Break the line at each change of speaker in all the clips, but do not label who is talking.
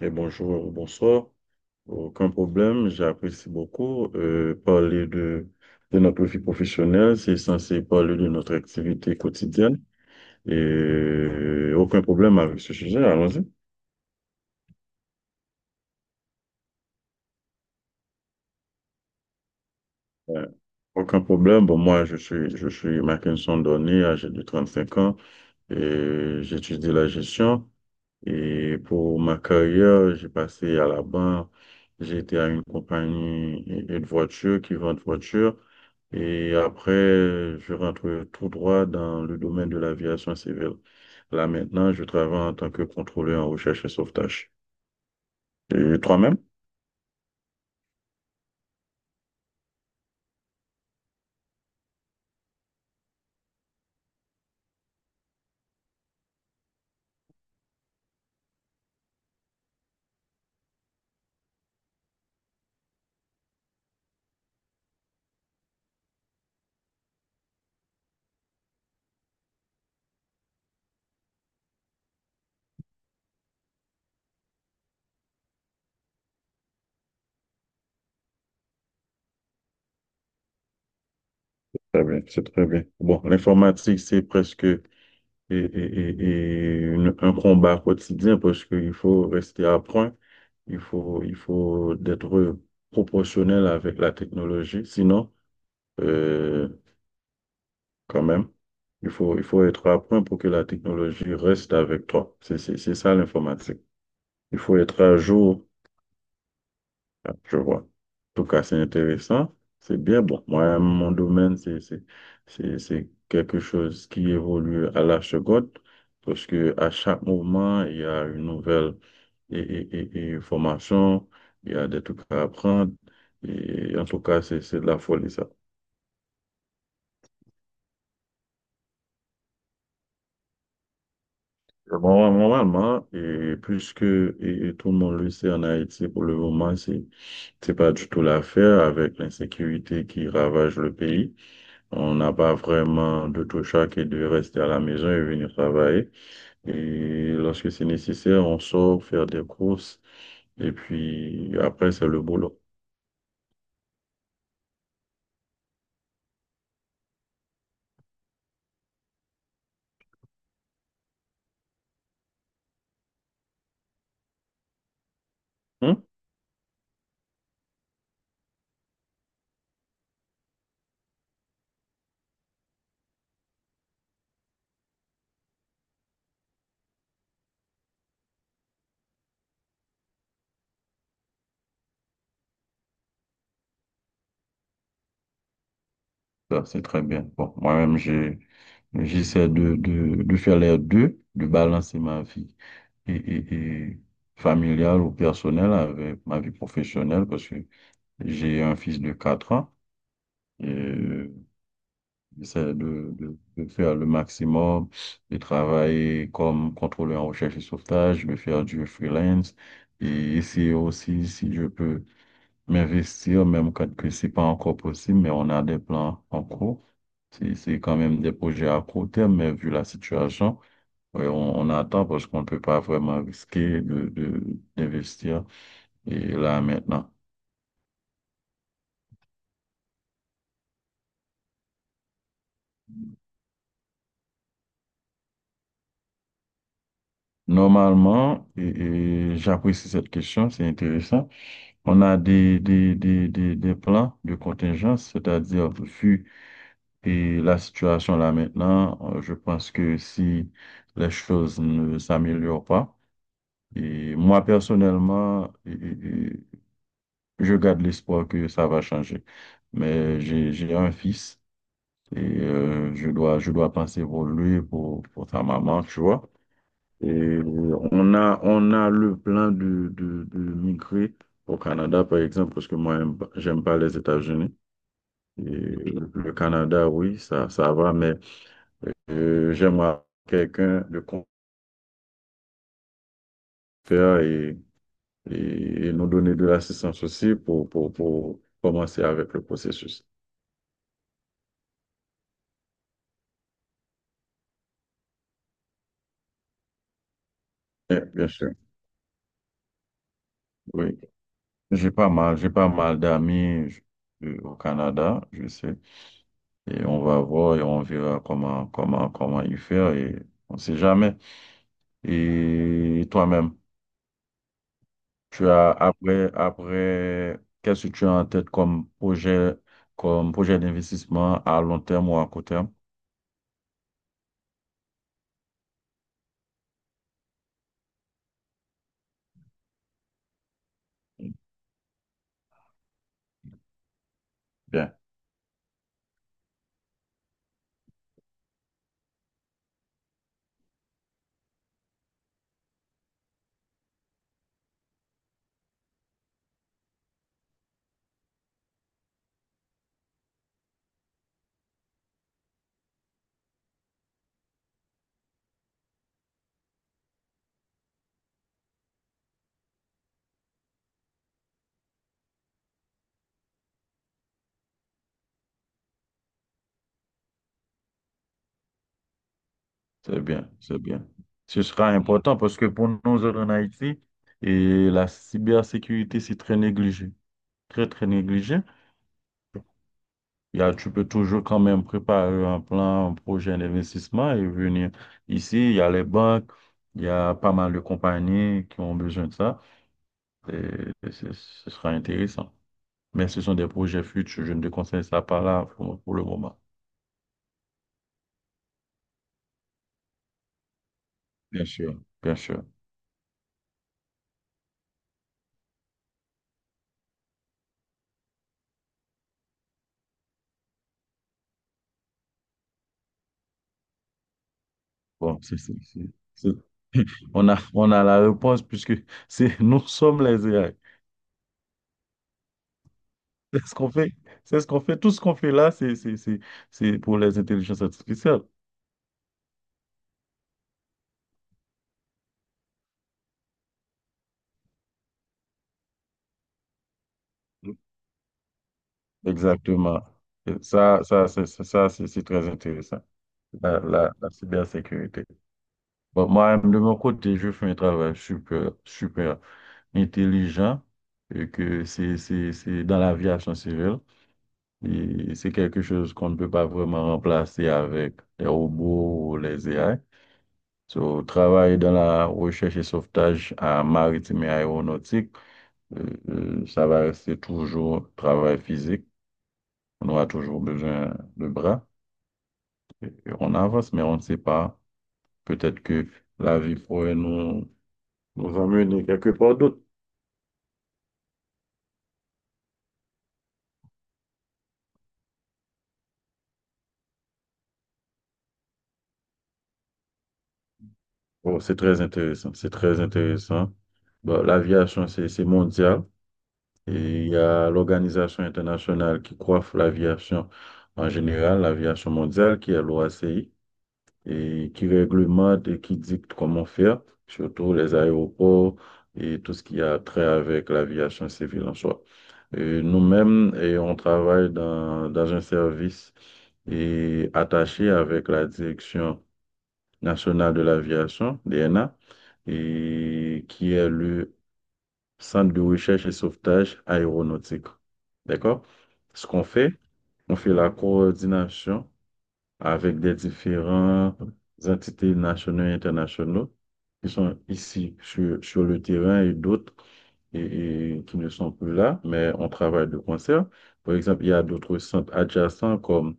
Et bonjour, bonsoir. Aucun problème, j'apprécie beaucoup. Parler de notre vie professionnelle, c'est censé parler de notre activité quotidienne. Et aucun problème avec ce sujet, allons-y. Euh, Aucun problème. Bon, moi, je suis Mackinson Donné, âgé de 35 ans, et j'étudie la gestion. Et pour ma carrière, j'ai passé à la banque, j'ai été à une compagnie de voitures qui vend de voitures. Et après, je rentre tout droit dans le domaine de l'aviation civile. Là maintenant, je travaille en tant que contrôleur en recherche et sauvetage. Et toi-même? Très bien, c'est très bien. Bon, l'informatique, c'est presque un combat quotidien parce qu'il faut rester à point, il faut d'être proportionnel avec la technologie. Sinon, euh, quand même, il faut être à point pour que la technologie reste avec toi. C'est ça l'informatique. Il faut être à jour. Ah, je vois. En tout cas, c'est intéressant. C'est bien. Bon, moi, mon domaine, c'est quelque chose qui évolue à la seconde, parce que à chaque moment, il y a une nouvelle formation, il y a des trucs à apprendre. Et en tout cas, c'est de la folie, ça. Bon, normalement, et puisque tout le monde le sait en Haïti, pour le moment, c'est pas du tout l'affaire avec l'insécurité qui ravage le pays. On n'a pas vraiment d'autre choix que de rester à la maison et venir travailler. Et lorsque c'est nécessaire, on sort faire des courses. Et puis après, c'est le boulot. Hmm? Ça, c'est très bien. Bon, moi-même, j'essaie de faire les deux, de balancer ma vie et, et, et familiale ou personnelle avec ma vie professionnelle parce que j'ai un fils de 4 ans. Et c'est de faire le maximum, de travailler comme contrôleur en recherche et sauvetage, de faire du freelance. Et essayer aussi, si je peux m'investir, même quand que c'est pas encore possible, mais on a des plans en cours. C'est quand même des projets à court terme, mais vu la situation, ouais, on attend parce qu'on ne peut pas vraiment risquer d'investir et là maintenant. Normalement, et j'apprécie cette question, c'est intéressant. On a des plans de contingence, c'est-à-dire vu et la situation là maintenant, je pense que si les choses ne s'améliorent pas, et moi personnellement, je garde l'espoir que ça va changer. Mais j'ai un fils et je dois penser pour lui, pour sa maman, tu vois. Et on a le plan de migrer au Canada, par exemple, parce que moi, j'aime pas les États-Unis. Et le Canada, oui, ça va, mais j'aimerais quelqu'un de confère et, nous donner de l'assistance aussi pour commencer avec le processus. Eh, bien sûr, oui. J'ai pas mal d'amis au Canada, je sais. Et on va voir et on verra comment, comment y faire et on sait jamais. Et toi-même, tu as après, qu'est-ce que tu as en tête comme projet d'investissement à long terme ou à court terme? Bien, c'est bien. Ce sera important parce que pour nous autres en Haïti, et la cybersécurité, c'est très négligé, très, très négligé. Il y a- tu peux toujours quand même préparer un plan, un projet d'investissement et venir ici. Il y a les banques, il y a pas mal de compagnies qui ont besoin de ça. Et ce sera intéressant. Mais ce sont des projets futurs. Je ne te conseille ça pas là pour le moment. Bien sûr, bien sûr. Bon, c'est- on a la réponse puisque nous sommes les AI. C'est ce qu'on fait. C'est ce qu'on fait. Tout ce qu'on fait là, c'est pour les intelligences artificielles. Exactement. Ça, ça, c'est très intéressant. La, la cybersécurité. Bon, moi, de mon côté, je fais un travail super, super intelligent et que c'est dans l'aviation civile. Et c'est quelque chose qu'on ne peut pas vraiment remplacer avec les robots ou les AI. So, travailler dans la recherche et sauvetage à maritime et aéronautique, euh, ça va rester toujours travail physique. On aura toujours besoin de bras. Et on avance, mais on ne sait pas. Peut-être que la vie pourrait nous emmener quelque part d'autre. Bon, c'est très intéressant, c'est très intéressant. Bon, l'aviation, c'est mondial et il y a l'organisation internationale qui coiffe l'aviation en général, l'aviation mondiale, qui est l'OACI. Et qui réglemente et qui dicte comment faire, surtout les aéroports et tout ce qui a trait avec l'aviation civile en soi. Et nous-mêmes, et on travaille dans un service et attaché avec la Direction nationale de l'aviation, DNA, et qui est le Centre de recherche et sauvetage aéronautique. D'accord? Ce qu'on fait, on fait la coordination avec des différentes entités nationaux et internationaux qui sont ici sur le terrain et d'autres et qui ne sont plus là, mais on travaille de concert. Par exemple, il y a d'autres centres adjacents comme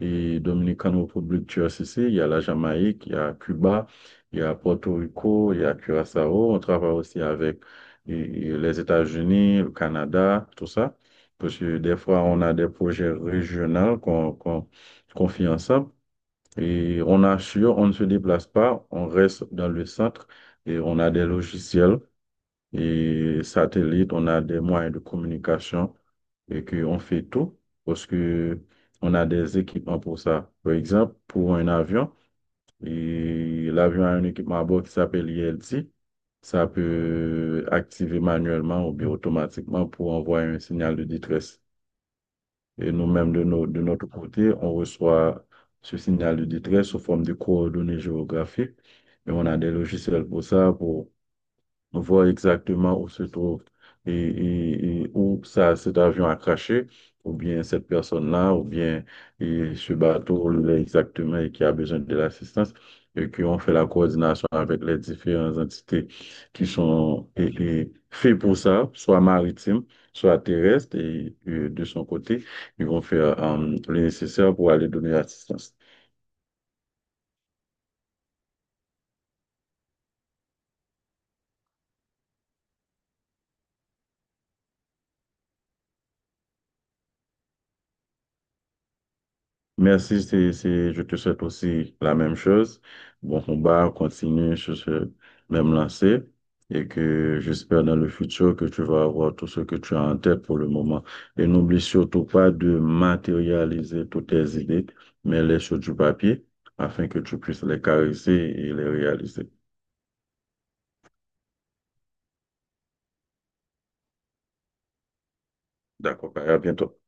et Dominican Republic, CC, il y a la Jamaïque, il y a Cuba, il y a Porto Rico, il y a Curaçao. On travaille aussi avec et les États-Unis, le Canada, tout ça. Parce que des fois, on a des projets régionaux qu'on fait ensemble. Et on assure, on ne se déplace pas, on reste dans le centre et on a des logiciels et satellites, on a des moyens de communication et qu'on fait tout parce que on a des équipements pour ça. Par exemple, pour un avion, et l'avion a un équipement à bord qui s'appelle ILT. Ça peut activer manuellement ou bien automatiquement pour envoyer un signal de détresse. Et nous-mêmes, de notre côté, on reçoit ce signal de détresse sous forme de coordonnées géographiques. Et on a des logiciels pour ça, pour voir exactement où se trouve et, et où ça, cet avion a craché, ou bien cette personne-là, ou bien et ce bateau là, exactement et qui a besoin de l'assistance, et qui ont fait la coordination avec les différentes entités qui sont et faites pour ça, soit maritimes, soit terrestres, et, de son côté, ils vont faire le nécessaire pour aller donner l'assistance. Merci, je te souhaite aussi la même chose. Bon combat, continue sur ce même lancé et que j'espère dans le futur que tu vas avoir tout ce que tu as en tête pour le moment. Et n'oublie surtout pas de matérialiser toutes tes idées, mais les sur du papier afin que tu puisses les caresser et les réaliser. D'accord, à bientôt.